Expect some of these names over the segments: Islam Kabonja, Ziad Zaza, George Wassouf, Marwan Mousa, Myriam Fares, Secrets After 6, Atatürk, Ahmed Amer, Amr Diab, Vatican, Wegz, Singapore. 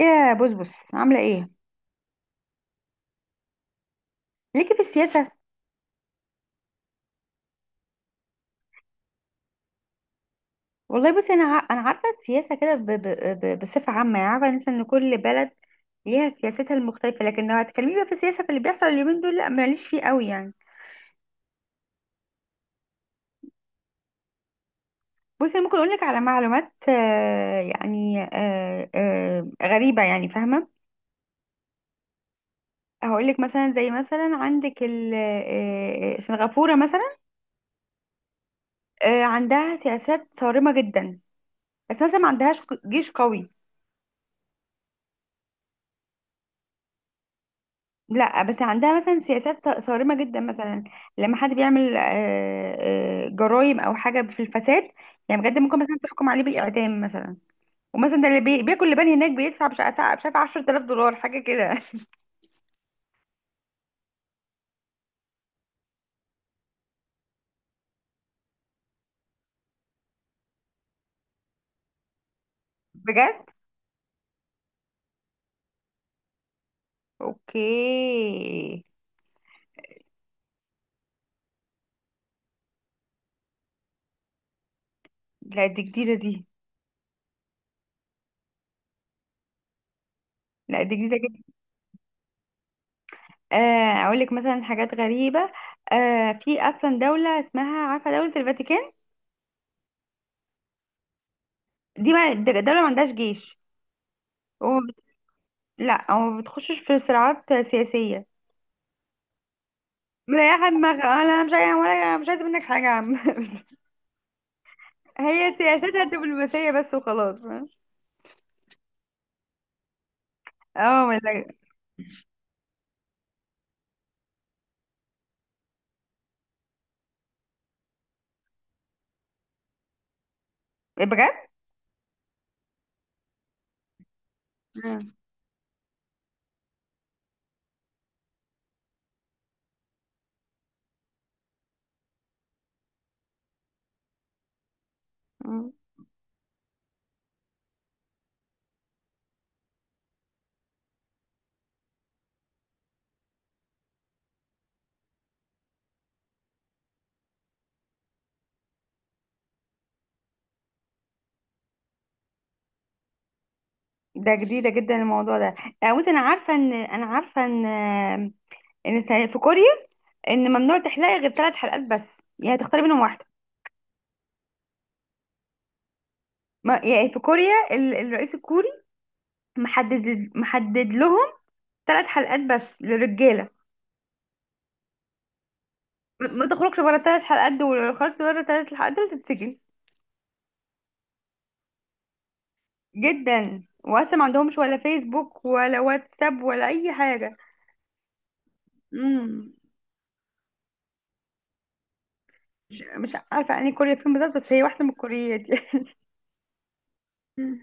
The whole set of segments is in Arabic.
يا بص بص، عامله ايه ليكي في السياسه؟ والله بصي، انا عارفه السياسه كده بصفه عامه، يعني عارفه مثلا ان كل بلد ليها سياستها المختلفه، لكن لو هتكلمي بقى في السياسه، في اللي بيحصل اليومين دول، لا ماليش فيه قوي يعني. بصي، أنا ممكن اقول لك على معلومات، يعني غريبه يعني، فاهمه؟ هقول لك مثلا، زي مثلا عندك سنغافوره مثلا. عندها سياسات صارمه جدا، بس مثلا ما عندهاش جيش قوي. لا، بس عندها مثلا سياسات صارمة جدا، مثلا لما حد بيعمل جرائم او حاجة في الفساد، يعني بجد ممكن مثلا تحكم عليه بالإعدام مثلا. ومثلا ده اللي بياكل لبان هناك بيدفع، مش عارفة 10000 دولار، حاجة كده. بجد. اوكي. لا، دي جديدة دي. لا، دي جديدة جدا. اقول لك مثلا حاجات غريبة. في اصلا دولة اسمها، عارفة، دولة الفاتيكان. دي ما د- دولة ما عندهاش جيش. وما بت- لا، وما بتخشش في صراعات سياسية. مريحة دماغها، انا مش عايزة، ولا مش عايزة منك حاجة يا عم. هي سياستها الدبلوماسية بس وخلاص، فاهم؟ اه، ولا. بجد. آه. آه. ده جديدة جدا الموضوع ده. بصي، انا عارفة ان في كوريا، ان ممنوع تحلقي غير ثلاث حلقات بس، يعني تختاري منهم واحدة. ما يعني في كوريا الرئيس الكوري محدد، لهم ثلاث حلقات بس للرجالة. ما تخرجش بره الثلاث حلقات دول، لو خرجت بره الثلاث حلقات دول تتسجن جدا. وأصلا ما عندهمش ولا فيسبوك ولا واتساب ولا أي حاجة. مم. مش عارفة أنهي كوريا فين بالظبط، بس هي واحدة من الكوريات دي. مم.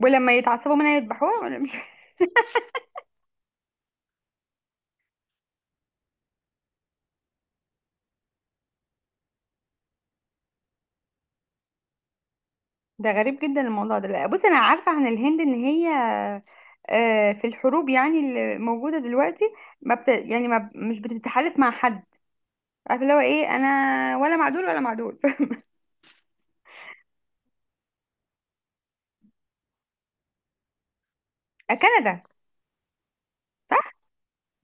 ولما يتعصبوا منها يذبحوها ولا مش؟ ده غريب جدا الموضوع ده. لا، بص، أنا عارفة عن الهند إن هي في الحروب يعني اللي موجودة دلوقتي، ما بت... يعني ما ب- مش بتتحالف مع حد، عارفة اللي هو إيه أنا، ولا مع دول ولا مع دول. كندا.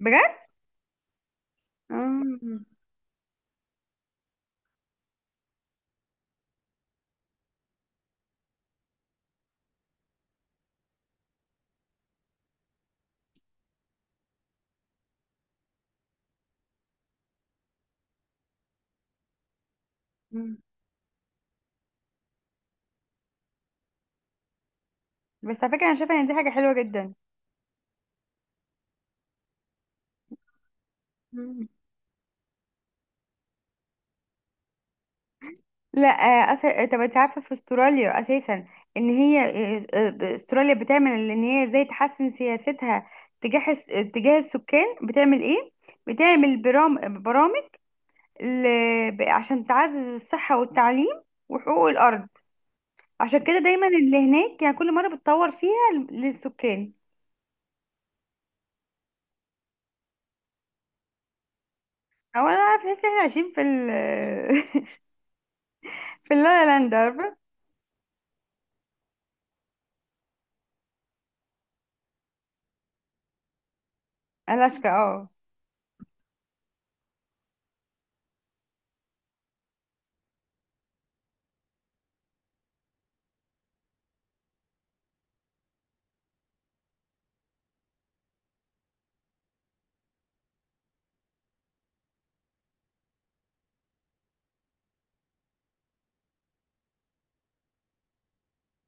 بجد؟ مم. مم. بس على فكرة أنا شايفة إن دي حاجة حلوة جدا. لا. آه، أس... آه، طب انت عارفه في استراليا اساسا، ان هي استراليا بتعمل ان هي ازاي تحسن سياستها تجاه الس- تجاه السكان، بتعمل ايه؟ بتعمل برامج ل... عشان تعزز الصحه والتعليم وحقوق الارض. عشان كده دايما اللي هناك، يعني كل مره بتطور فيها للسكان. او انا عارفه لسه احنا عايشين في اللا لا لاند، عارفه. الاسكا، اه.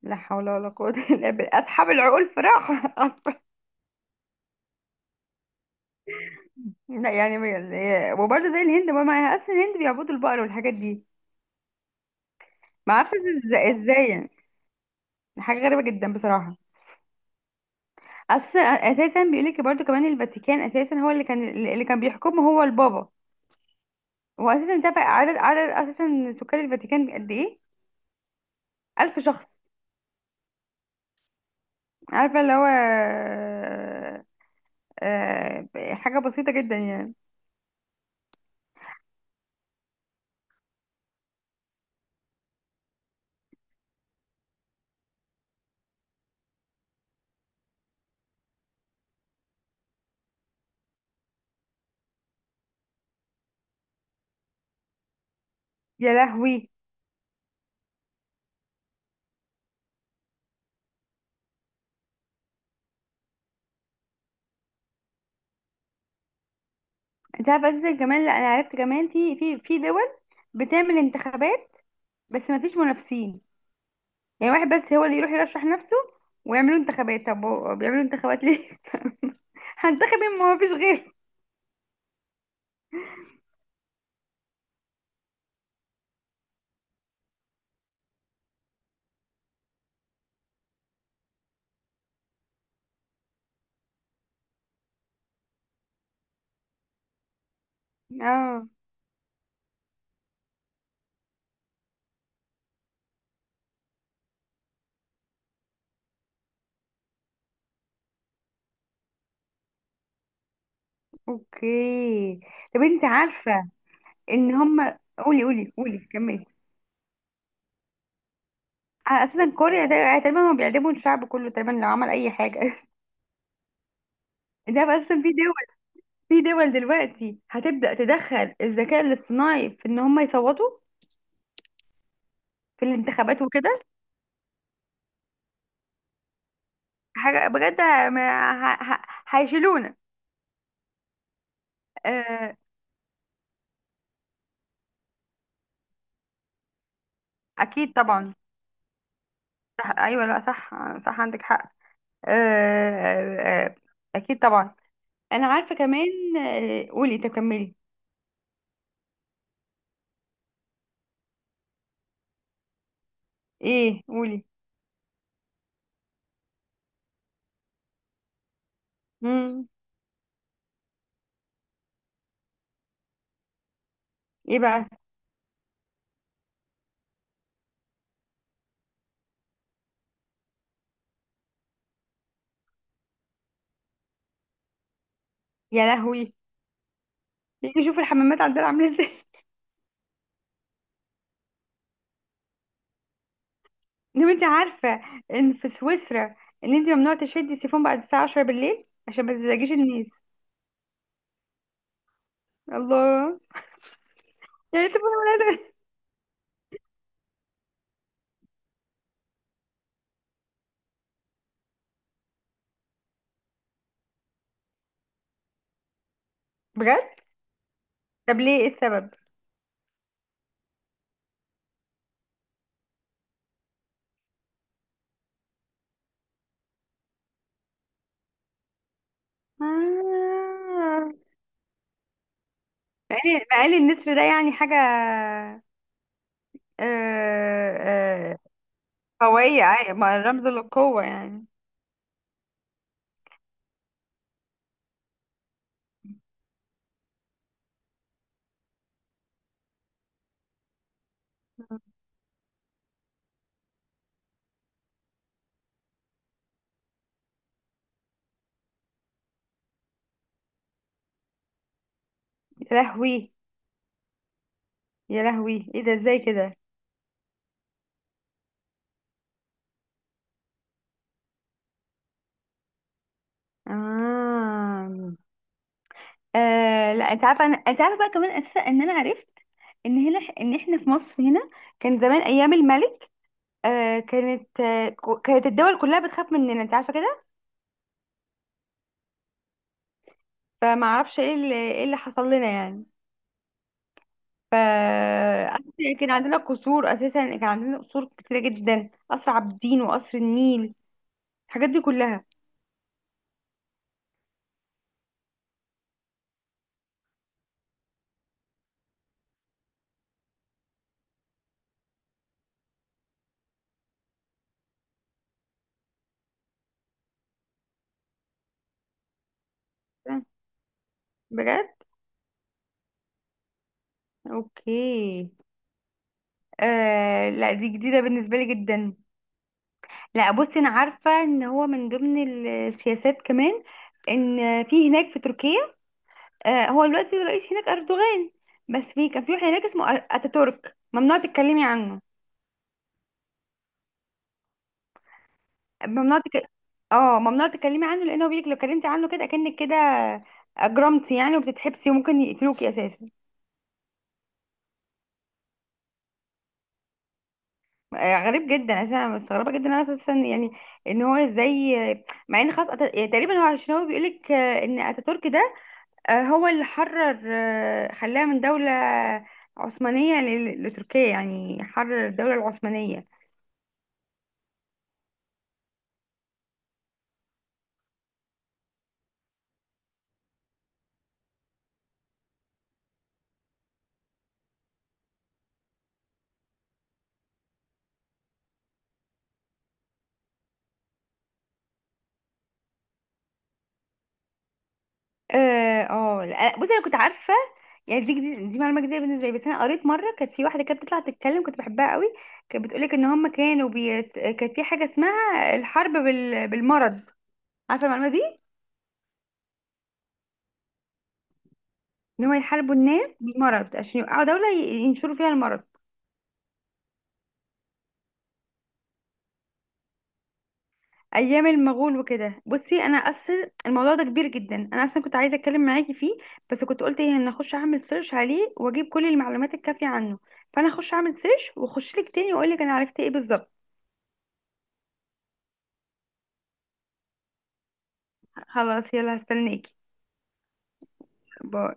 لا حول ولا قوه الا بالله، اصحاب العقول فراخ. لا يعني وبرضه زي الهند، ما معاها اصل الهند بيعبدوا البقر والحاجات دي. ما اعرفش ازاي، ازاي يعني. حاجه غريبه جدا بصراحه. اصل اساسا بيقول لك برضه كمان، الفاتيكان اساسا هو اللي كان بيحكمه هو البابا. هو اساسا تابع عدد اساسا سكان الفاتيكان قد ايه؟ 1000 شخص. عارفه اللي هو حاجه بسيطه جدا يعني. يا لهوي. انت عارفه اساسا كمان، لا انا عرفت كمان في دول بتعمل انتخابات بس ما فيش منافسين، يعني واحد بس هو اللي يروح يرشح نفسه ويعملوا انتخابات. طب هو بيعملوا انتخابات ليه؟ هنتخب مين؟ ما هو فيش غيره. اه، اوكي. طب انت عارفة ان هم، قولي قولي قولي، كملي. على اساسا كوريا ده، تقريبا هم بيعدموا الشعب كله تقريبا لو عمل اي حاجة. ده بس. في دول، في دول دلوقتي هتبدأ تدخل الذكاء الاصطناعي في ان هم يصوتوا في الانتخابات وكده. حاجة بجد هيشيلونا. آه، اكيد طبعا. صح، ايوه، لا، صح. صح، عندك حق. آه، آه، آه، اكيد طبعا. انا عارفه كمان، قولي تكملي. ايه، قولي. مم. ايه بقى، يا لهوي. يجي شوف الحمامات عندنا عامله ازاي. لو انت عارفه ان في سويسرا، ان انت ممنوع تشدي السيفون بعد الساعه 10 بالليل عشان ما تزعجيش الناس. الله. يعني سيبونا ولا ده. بجد؟ طب ليه، ايه السبب؟ آه. مع إن النسر ده يعني حاجه آه، آه، قويه، ما رمز للقوه يعني. يا لهوي، يا لهوي، ايه ده، ازاي كده؟ آه. لا، انت عارفه بقى كمان اساسا ان انا عرفت ان احنا في مصر هنا، كان زمان ايام الملك، كانت الدول كلها بتخاف مننا، انت عارفه كده. فما اعرفش ايه اللي حصل لنا يعني. ف أساساً كان عندنا قصور كتيره جدا، قصر عابدين وقصر النيل، الحاجات دي كلها. بجد. اوكي. لا، دي جديده بالنسبه لي جدا. لا، بصي انا عارفه ان هو من ضمن السياسات كمان، ان في هناك في تركيا، هو دلوقتي الرئيس هناك اردوغان، بس في كان في واحد هناك اسمه اتاتورك، ممنوع تتكلمي عنه. ممنوع تك... اه ممنوع تتكلمي عنه، لانه بيقولك لو اتكلمتي عنه كده، اكنك كده اجرمتي يعني، وبتتحبسي، وممكن يقتلوكي اساسا. غريب جدا اساسا، انا مستغربه جدا انا اساسا يعني، ان هو ازاي. مع ان خلاص تقريبا هو، عشان هو بيقولك ان اتاتورك ده هو اللي حرر، خلاها من دولة عثمانية لتركيا، يعني حرر الدولة العثمانية. اه. لا، بصي انا كنت عارفة، يعني دي معلومة جديدة بالنسبة لي، بس انا قريت مرة كانت في واحدة كانت بتطلع تتكلم، كنت بحبها قوي، كانت بتقولك ان هم كانت في حاجة اسمها الحرب بالمرض، عارفة المعلومة دي؟ ان هم يحاربوا الناس بالمرض عشان يوقعوا دولة، ينشروا فيها المرض، ايام المغول وكده. بصي انا اصل الموضوع ده كبير جدا، انا اصلا كنت عايزه اتكلم معاكي فيه، بس كنت قلت ايه، ان اخش اعمل سيرش عليه واجيب كل المعلومات الكافيه عنه. فانا اخش اعمل سيرش واخش لك تاني، واقول لك انا عرفت ايه بالظبط. خلاص، يلا، هستناكي. باي.